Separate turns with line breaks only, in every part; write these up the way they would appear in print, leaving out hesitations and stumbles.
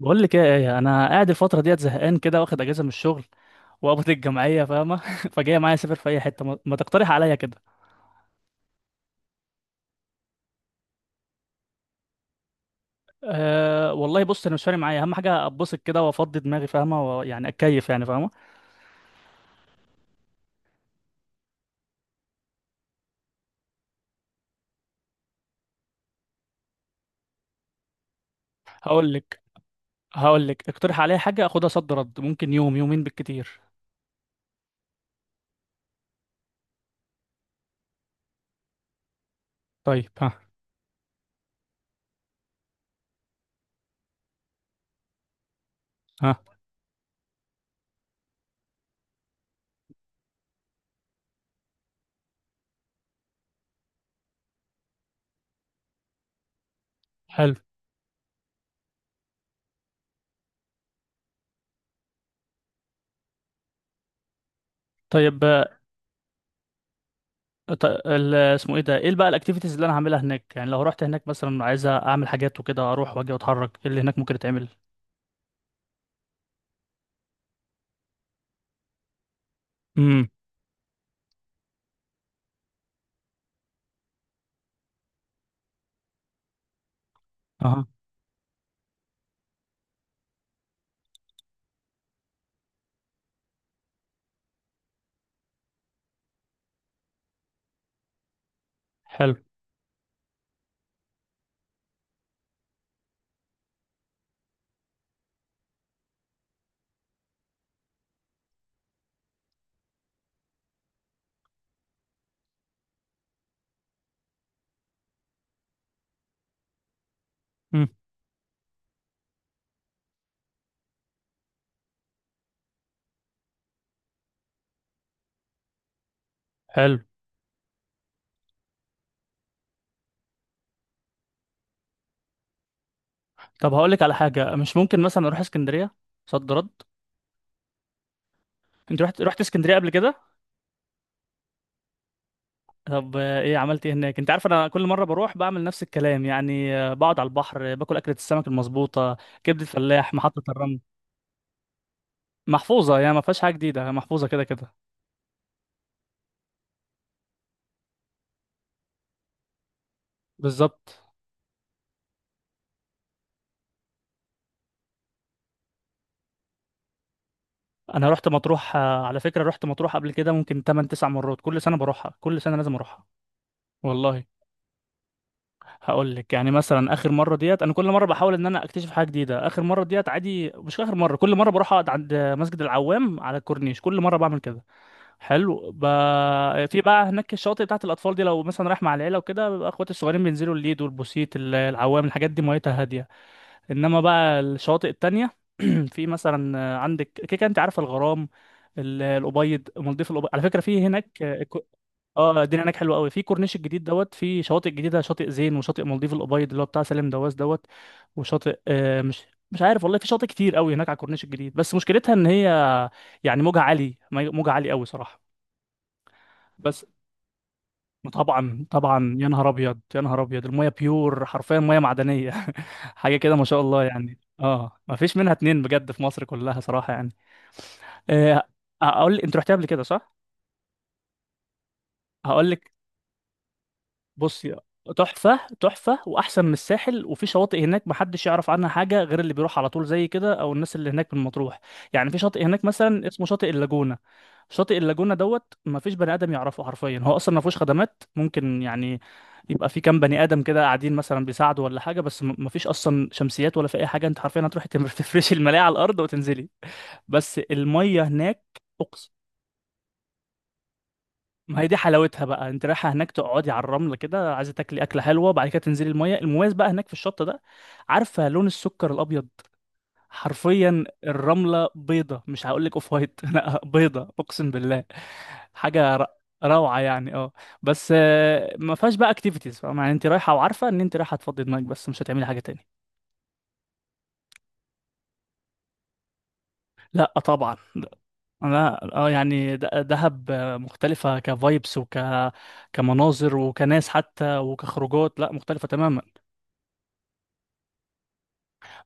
بقول لك ايه، يا ايه؟ انا قاعد الفتره ديت زهقان كده، واخد اجازه من الشغل وقبض الجمعيه، فاهمه؟ فجاي معايا اسافر في اي حته، ما تقترح عليا كده. أه، والله بص انا مش فارق معايا، اهم حاجه اتبسط كده وافضي دماغي فاهمه، ويعني اتكيف يعني فاهمه. هقول لك هقول لك اقترح عليا حاجه اخدها صد رد، ممكن يوم يومين بالكتير. طيب ها. ها. حلو. طيب اسمه ايه ده؟ ايه بقى الاكتيفيتيز اللي انا هعملها هناك؟ يعني لو رحت هناك مثلا عايز اعمل حاجات وكده، اروح واجي واتحرك. ايه اللي هناك ممكن يتعمل؟ امم. اها. حلو. امم. حلو. طب هقول لك على حاجه، مش ممكن مثلا اروح اسكندريه صد رد؟ انت رحت اسكندريه قبل كده؟ طب ايه عملت ايه هناك؟ انت عارف انا كل مره بروح بعمل نفس الكلام يعني، بقعد على البحر، باكل اكله السمك المظبوطه، كبده فلاح، محطه الرمل. محفوظه يعني، ما فيهاش حاجه جديده، محفوظه كده كده. بالظبط. انا رحت مطروح على فكره، رحت مطروح قبل كده ممكن 8 9 مرات، كل سنه بروحها، كل سنه لازم اروحها، والله. هقول لك يعني مثلا اخر مره ديت، انا كل مره بحاول ان انا اكتشف حاجه جديده. اخر مره ديت عادي، مش اخر مره، كل مره بروح اقعد عند مسجد العوام على الكورنيش، كل مره بعمل كده. حلو. في بقى هناك الشواطئ بتاعت الاطفال دي، لو مثلا رايح مع العيله وكده، بيبقى اخواتي الصغيرين بينزلوا الليد والبوسيت العوام، الحاجات دي ميتها هاديه. انما بقى الشواطئ التانية في مثلا عندك كده كده انت عارف الغرام، الابيض، مالديف الابيض على فكره. في هناك اه الدنيا هناك حلوه قوي. في كورنيش الجديد دوت، في شواطئ جديده، شاطئ زين وشاطئ مالديف الابيض اللي هو بتاع سالم دواس دوت. وشاطئ مش عارف والله، في شاطئ كتير قوي هناك على الكورنيش الجديد. بس مشكلتها ان هي يعني موجها عالي، موجها عالي قوي صراحه. بس طبعا طبعا، يا نهار ابيض يا نهار ابيض، الميه بيور حرفيا، ميه معدنيه. حاجه كده ما شاء الله يعني، اه ما فيش منها اتنين بجد في مصر كلها صراحه يعني. آه، اقول، انت رحتها قبل كده صح؟ هقول لك. بصي، تحفة تحفة، وأحسن من الساحل. وفي شواطئ هناك محدش يعرف عنها حاجة غير اللي بيروح على طول زي كده، أو الناس اللي هناك من مطروح. يعني في شاطئ هناك مثلا اسمه شاطئ اللاجونة. شاطئ اللاجونة دوت مفيش بني آدم يعرفه حرفيا. هو أصلا مفيهوش خدمات، ممكن يعني يبقى في كام بني آدم كده قاعدين مثلا بيساعدوا ولا حاجة، بس مفيش أصلا شمسيات ولا في أي حاجة. أنت حرفيا هتروحي تفرشي الملاية على الأرض وتنزلي. بس المية هناك، ما هي دي حلاوتها بقى. انت رايحه هناك تقعدي على الرمله كده، عايزه تاكلي اكله حلوه، بعد كده تنزلي الميه. المميز بقى هناك في الشط ده، عارفه لون السكر الابيض؟ حرفيا الرمله بيضه، مش هقول لك اوف وايت لا بيضه اقسم بالله. حاجه ر- روعه يعني اه. بس ما فيهاش بقى اكتيفيتيز فاهم؟ يعني انت رايحه، وعارفه ان انت رايحه تفضي دماغك، بس مش هتعملي حاجه تاني. لا طبعا. انا اه يعني دهب مختلفه كفايبس، وك كمناظر وكناس حتى وكخروجات، لا مختلفه تماما.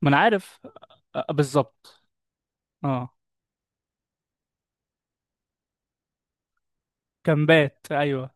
ما انا عارف. بالظبط. اه. كامبات ايوه.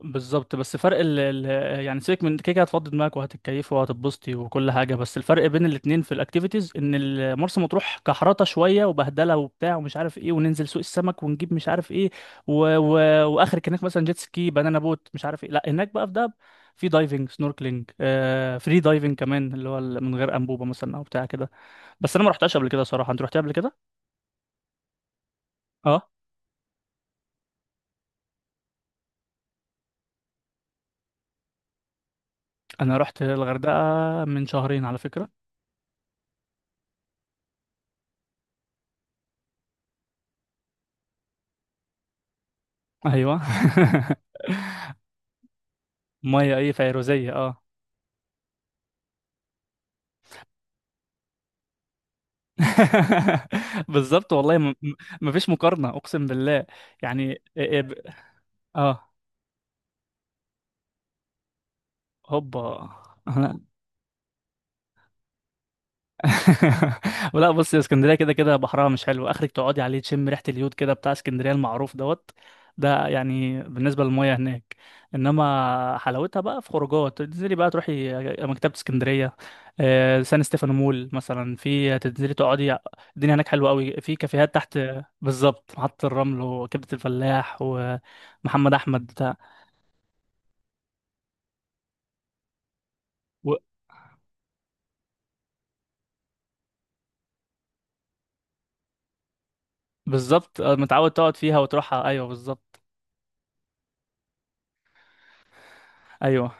بالظبط. بس فرق ال يعني سيبك من كده، كده هتفضي دماغك وهتتكيفي وهتتبسطي وكل حاجه. بس الفرق بين الاتنين في الاكتيفيتيز ان مرسى مطروح كحرطه شويه وبهدله وبتاع ومش عارف ايه، وننزل سوق السمك ونجيب مش عارف ايه. و واخرك هناك مثلا جيت سكي، بنانا بوت، مش عارف ايه. لا هناك بقى في دهب في دايفنج، سنوركلينج، آه فري دايفنج كمان، اللي هو من غير انبوبه مثلا او بتاع كده. بس انا ما رحتهاش قبل كده صراحه، انت رحتها قبل كده؟ انا رحت الغردقه من شهرين على فكره. ايوه. ميه ايه، فيروزيه اه. بالظبط والله. مفيش مقارنه اقسم بالله. يعني اه. هوبا. انا. ولا بص، يا اسكندريه كده كده بحرها مش حلو. اخرك تقعدي عليه تشم ريحه اليود كده بتاع اسكندريه المعروف دوت، ده يعني بالنسبه للمياه هناك. انما حلاوتها بقى في خروجات، تنزلي بقى تروحي مكتبه اسكندريه، سان ستيفانو مول مثلا، في تنزلي تقعدي، الدنيا هناك حلوه قوي، في كافيهات تحت. بالظبط، محطه الرمل وكبده الفلاح ومحمد احمد بتاع. و- بالظبط متعود تقعد فيها وتروحها، ايوه بالظبط. ايوه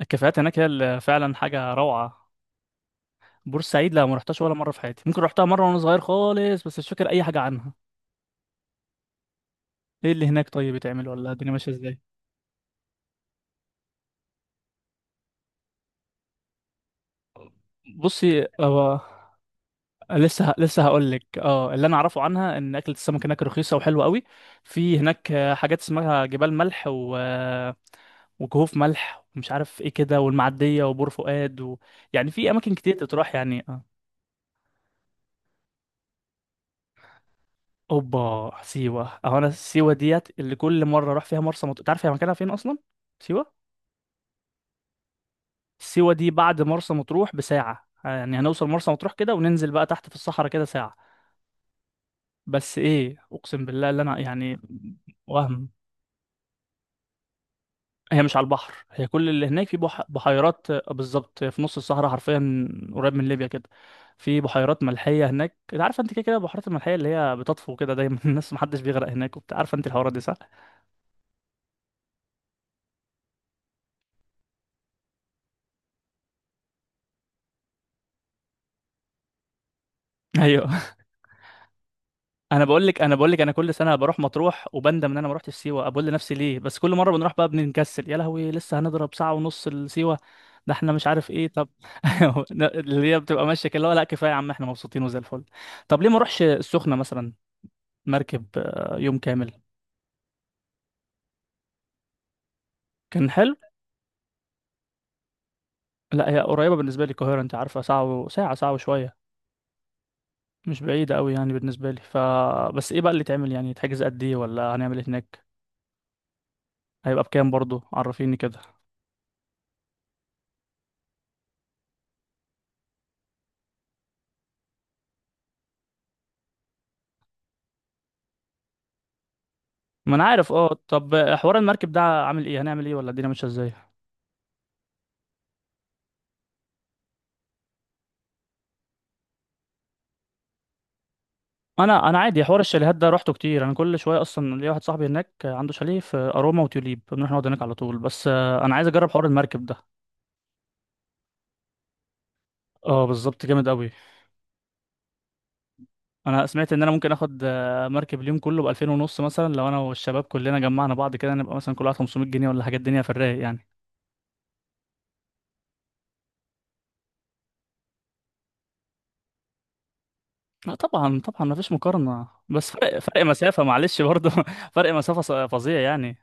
الكافيهات هناك هي اللي فعلا حاجه روعه. بورسعيد لا ما رحتهاش ولا مره في حياتي، ممكن رحتها مره وانا صغير خالص بس مش فاكر اي حاجه عنها. ايه اللي هناك طيب بيتعمل، ولا الدنيا ماشيه ازاي؟ بصي هو. لسه لسه هقول لك، اه اللي انا اعرفه عنها ان اكله السمك هناك رخيصه وحلوه قوي. في هناك حاجات اسمها جبال ملح و وكهوف ملح ومش عارف ايه كده، والمعديه وبور فؤاد و... يعني في اماكن كتير تتروح يعني آه. اوبا سيوه اهو، انا سيوه ديت اللي كل مره اروح فيها مرسى مطروح. تعرف هي مكانها فين اصلا سيوه؟ سيوة دي بعد مرسى مطروح بساعة، يعني هنوصل مرسى مطروح كده وننزل بقى تحت في الصحراء كده ساعة. بس ايه اقسم بالله اللي انا يعني، وهم. هي مش على البحر، هي كل اللي هناك في بحيرات، بالظبط في نص الصحراء حرفيا. قريب من ليبيا كده. في بحيرات ملحية هناك. انت عارفه انت كده كده البحيرات الملحية اللي هي بتطفو كده دايما الناس محدش بيغرق هناك وبتاع، عارفه انت الحوارات دي صح؟ ايوه. انا بقول لك انا كل سنه بروح مطروح وبندم ان انا ما رحتش سيوه، بقول لنفسي ليه؟ بس كل مره بنروح بقى بنكسل، يا لهوي لسه هنضرب ساعه ونص لسيوه. ده احنا مش عارف ايه طب. اللي هي بتبقى ماشيه كده اللي هو، لا كفايه يا عم احنا مبسوطين وزي الفل. طب ليه ما اروحش السخنه مثلا؟ مركب يوم كامل. كان حلو. لا هي قريبه بالنسبه لي القاهره، انت عارفه ساعه و... ساعه، ساعه وشويه، مش بعيده قوي يعني بالنسبه لي ف. بس ايه بقى اللي تعمل يعني، تحجز قد ايه، ولا هنعمل إيه هناك؟ هيبقى بكام برضو؟ عرفيني كده. ما انا عارف. اه طب حوار المركب ده عامل ايه، هنعمل ايه، ولا الدنيا ماشيه ازاي؟ انا عادي حوار الشاليهات ده روحته كتير، انا كل شويه اصلا ليا واحد صاحبي هناك عنده شاليه في اروما وتوليب، بنروح نقعد هناك على طول. بس انا عايز اجرب حوار المركب ده. اه بالظبط، جامد قوي. انا سمعت ان انا ممكن اخد مركب اليوم كله ب 2000 ونص مثلا، لو انا والشباب كلنا جمعنا بعض كده نبقى مثلا كل واحد 500 جنيه ولا حاجه، الدنيا في الرايق يعني. لا طبعا طبعا، مفيش مقارنه، بس فرق، فرق مسافه معلش برضه. فرق مسافه فظيع يعني.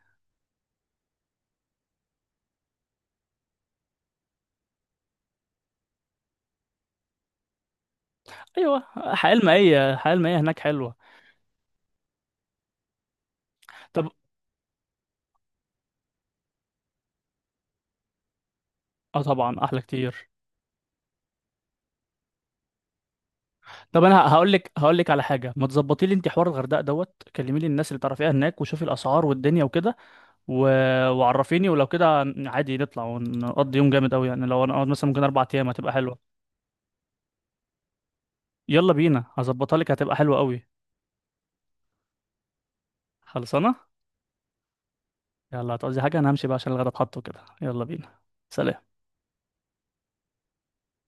ايوه، حياه المائيه، الحياه المائيه هناك حلوه. طب اه طبعا احلى كتير. طب انا هقول لك، هقول لك على حاجه، ما تظبطي لي انت حوار الغردقه دوت، كلمي لي الناس اللي تعرفيها هناك وشوفي الاسعار والدنيا وكده. و... وعرفيني ولو كده. عادي نطلع ونقضي يوم جامد قوي يعني، لو انا اقعد مثلا ممكن اربع ايام هتبقى حلوه. يلا بينا، هظبطها لك، هتبقى حلوه قوي. خلصانه. يلا، هتقضي حاجه؟ انا همشي بقى عشان الغدا اتحط وكده. يلا بينا. سلام.